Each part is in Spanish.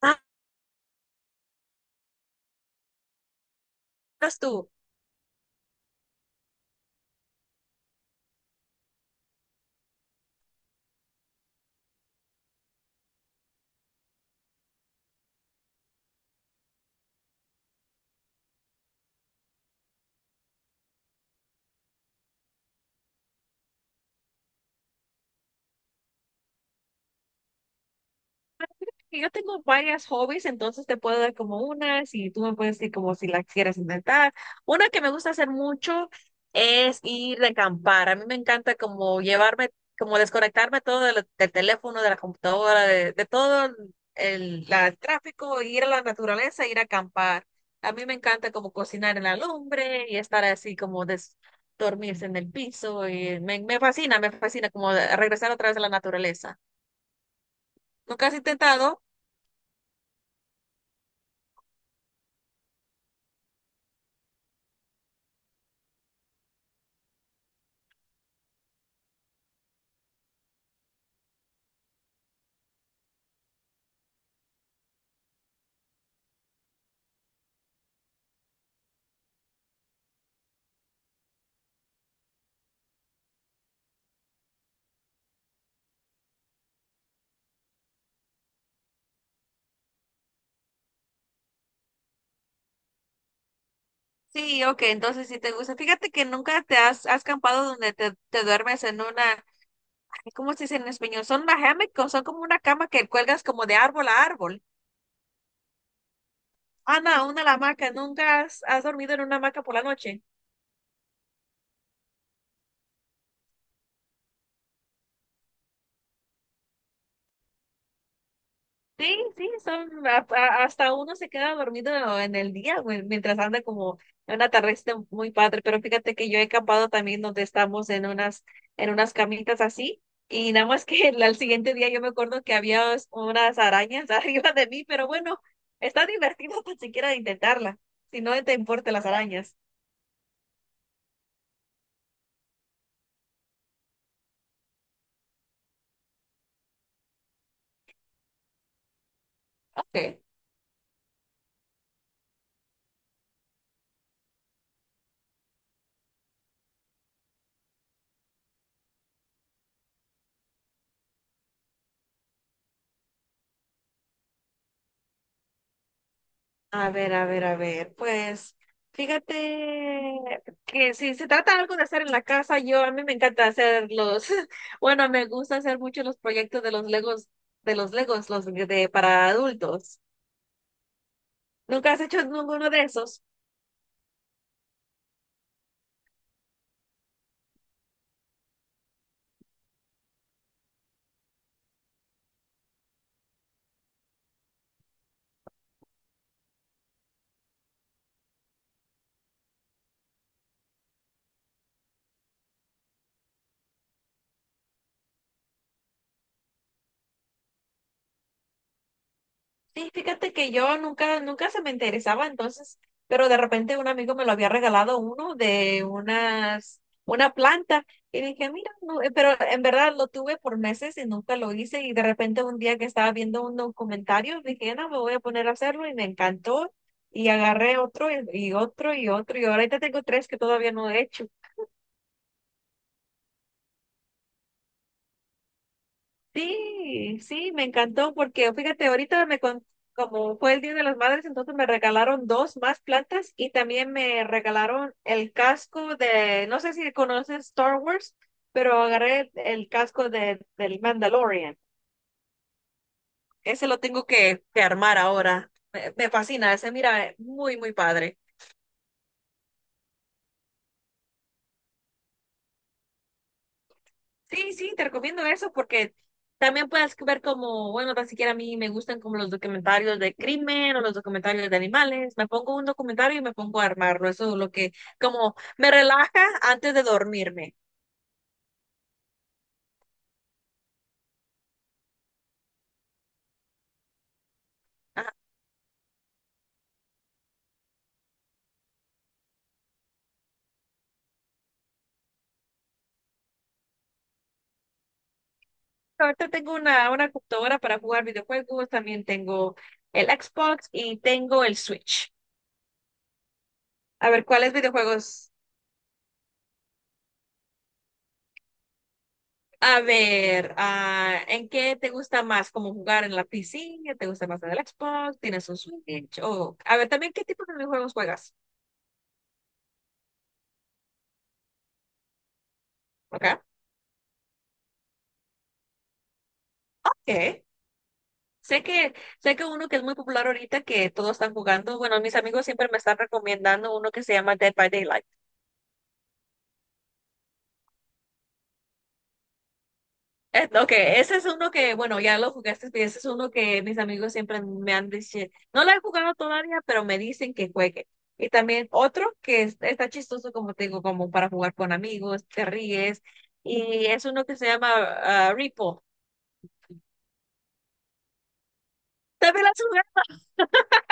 Ah, eras tú. Que Yo tengo varias hobbies, entonces te puedo dar como unas y tú me puedes decir como si la quieres inventar. Una que me gusta hacer mucho es ir de acampar. A mí me encanta como llevarme, como desconectarme todo de del teléfono, de la computadora, de todo el, el tráfico, ir a la naturaleza, ir a acampar. A mí me encanta como cocinar en la lumbre y estar así como dormirse en el piso. Me fascina como regresar otra vez a la naturaleza. ¿Nunca has intentado? Sí, ok, entonces si te gusta. Fíjate que nunca has campado donde te duermes en una, ay, ¿cómo se dice en español? Son una hammock, o son como una cama que cuelgas como de árbol a árbol. Ah, no, una hamaca. ¿Nunca has dormido en una hamaca por la noche? Sí, sí, son hasta uno se queda dormido en el día, güey, mientras anda como en una tarde muy padre, pero fíjate que yo he campado también donde estamos en unas camitas así y nada más que al siguiente día yo me acuerdo que había unas arañas arriba de mí, pero bueno, está divertido tan siquiera de intentarla, si no te importan las arañas. Ok. A ver, a ver, a ver, pues fíjate que si se trata algo de hacer en la casa, yo a mí me encanta hacer los, bueno, me gusta hacer mucho los proyectos de los Legos, los de para adultos. ¿Nunca has hecho ninguno de esos? Sí, fíjate que yo nunca, nunca se me interesaba entonces, pero de repente un amigo me lo había regalado uno de unas, una planta y dije, "mira, no", pero en verdad lo tuve por meses y nunca lo hice y de repente un día que estaba viendo un documentario dije, "no, me voy a poner a hacerlo" y me encantó y agarré otro y otro y otro y ahorita tengo tres que todavía no he hecho. Sí, sí, me encantó porque fíjate, ahorita como fue el Día de las Madres, entonces me regalaron dos más plantas y también me regalaron el casco de, no sé si conoces Star Wars, pero agarré el casco de, del Mandalorian. Ese lo tengo que armar ahora. Me fascina, ese mira, muy, muy padre. Sí, sí, te recomiendo eso porque también puedes ver como, bueno, tan siquiera a mí me gustan como los documentarios de crimen o los documentarios de animales. Me pongo un documentario y me pongo a armarlo. Eso es lo que como me relaja antes de dormirme. Ajá. Ahorita tengo una computadora para jugar videojuegos, también tengo el Xbox y tengo el Switch. A ver, ¿cuáles videojuegos? A ver, ¿en qué te gusta más? ¿Como jugar en la piscina? ¿Te gusta más en el Xbox? ¿Tienes un Switch? O, a ver, también, ¿qué tipo de videojuegos juegas? ¿Ok? Ok. Sé que, sé que uno que es muy popular ahorita, que todos están jugando, bueno, mis amigos siempre me están recomendando uno que se llama Dead by Daylight. Ok, ese es uno que, bueno, ya lo jugaste, pero ese es uno que mis amigos siempre me han dicho, no lo he jugado todavía, pero me dicen que juegue. Y también otro está chistoso, como te digo, como para jugar con amigos, te ríes, y es uno que se llama Repo. También lo has jugado,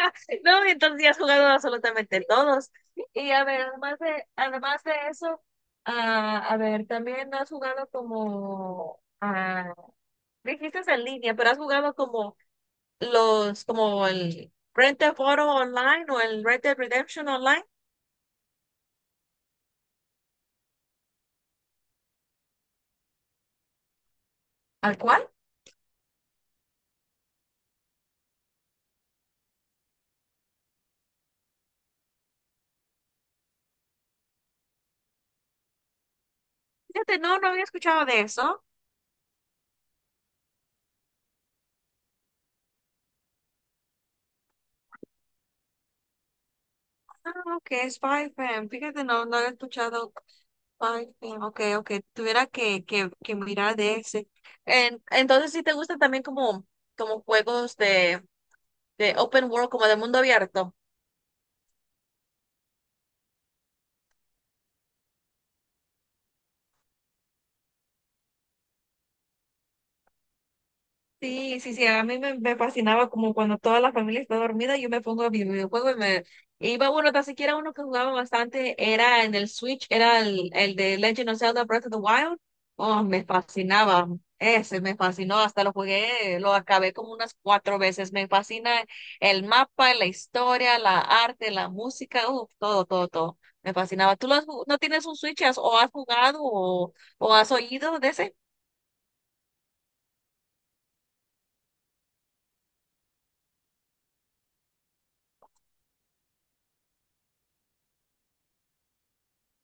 ¿no? Entonces ya has jugado absolutamente todos. Y a ver, además de eso, a ver, también has jugado como, ah, dijiste en línea, pero has jugado como... los como el Grand Theft Auto Online o el Red Dead Redemption Online. ¿Al cual? Fíjate, no, no había escuchado de eso. Ah, ok, es 5M. Fíjate, no, no había escuchado 5M. Ok, ok, tuviera que mirar de ese. Entonces, si te gustan también como, como juegos de open world, como de mundo abierto. Sí, sí, sí, a mí me fascinaba como cuando toda la familia está dormida, yo me pongo a mi videojuego y me iba, bueno, tan siquiera uno que jugaba bastante era en el Switch, era el de Legend of Zelda Breath of the Wild. Oh, me fascinaba, ese me fascinó, hasta lo jugué, lo acabé como unas cuatro veces. Me fascina el mapa, la historia, la arte, la música, todo, todo, todo. Me fascinaba. ¿Tú lo has ju- no tienes un Switch o has jugado o has oído de ese?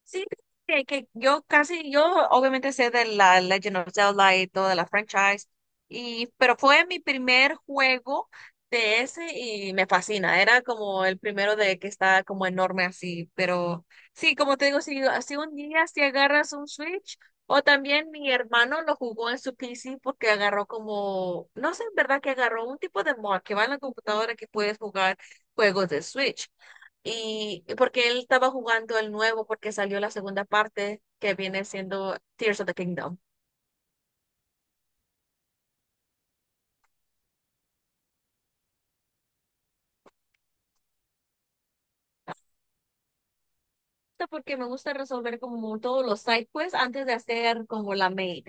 Sí, que yo casi, yo obviamente sé de la Legend of Zelda y toda la franchise, y, pero fue mi primer juego de ese y me fascina. Era como el primero de que está como enorme así, pero sí, como te digo, si, si un día si agarras un Switch, o también mi hermano lo jugó en su PC porque agarró como, no sé en verdad que agarró un tipo de mod que va en la computadora que puedes jugar juegos de Switch. Y porque él estaba jugando el nuevo, porque salió la segunda parte que viene siendo Tears of the Kingdom. Esto Porque me gusta resolver como todos los side quests antes de hacer como la main.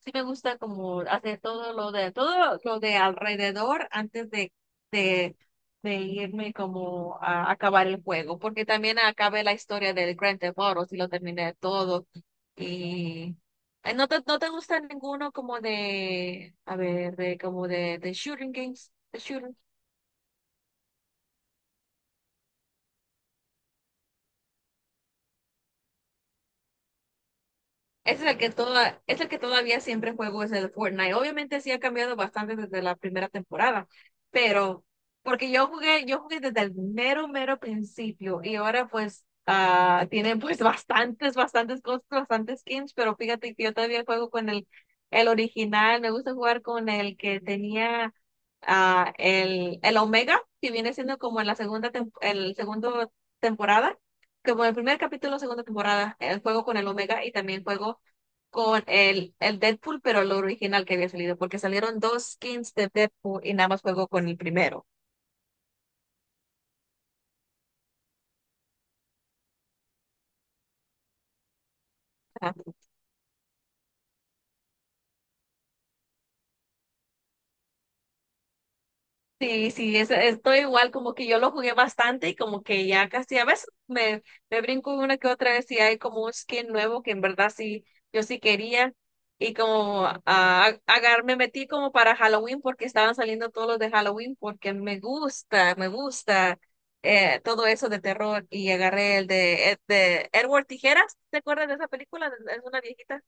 Sí me gusta como hacer todo lo de alrededor antes de, de irme como a acabar el juego. Porque también acabé la historia del Grand Theft Auto, si lo terminé todo. Y no te gusta ninguno como de, a ver, de como de shooting games. Ese es el que toda, es el que todavía siempre juego, es el Fortnite. Obviamente sí ha cambiado bastante desde la primera temporada, pero porque yo jugué desde el mero, mero principio y ahora pues tienen pues bastantes, bastantes cosas, bastantes skins, pero fíjate que yo todavía juego con el original, me gusta jugar con el que tenía el Omega, que viene siendo como en la segunda, el segundo temporada como el primer capítulo, segunda temporada, el juego con el Omega y también juego con el Deadpool, pero el original que había salido, porque salieron dos skins de Deadpool y nada más juego con el primero. Sí, sí, estoy igual, como que yo lo jugué bastante y como que ya casi a veces me brinco una que otra vez y hay como un skin nuevo que en verdad sí, yo sí quería y como me metí como para Halloween porque estaban saliendo todos los de Halloween porque me gusta todo eso de terror y agarré el de, de Edward Tijeras, ¿te acuerdas de esa película? Es una viejita.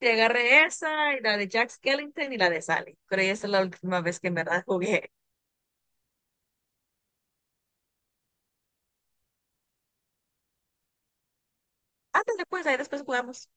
Y agarré esa y la de Jack Skellington y la de Sally, pero esa es la última vez que en verdad jugué. Antes después, ahí después jugamos.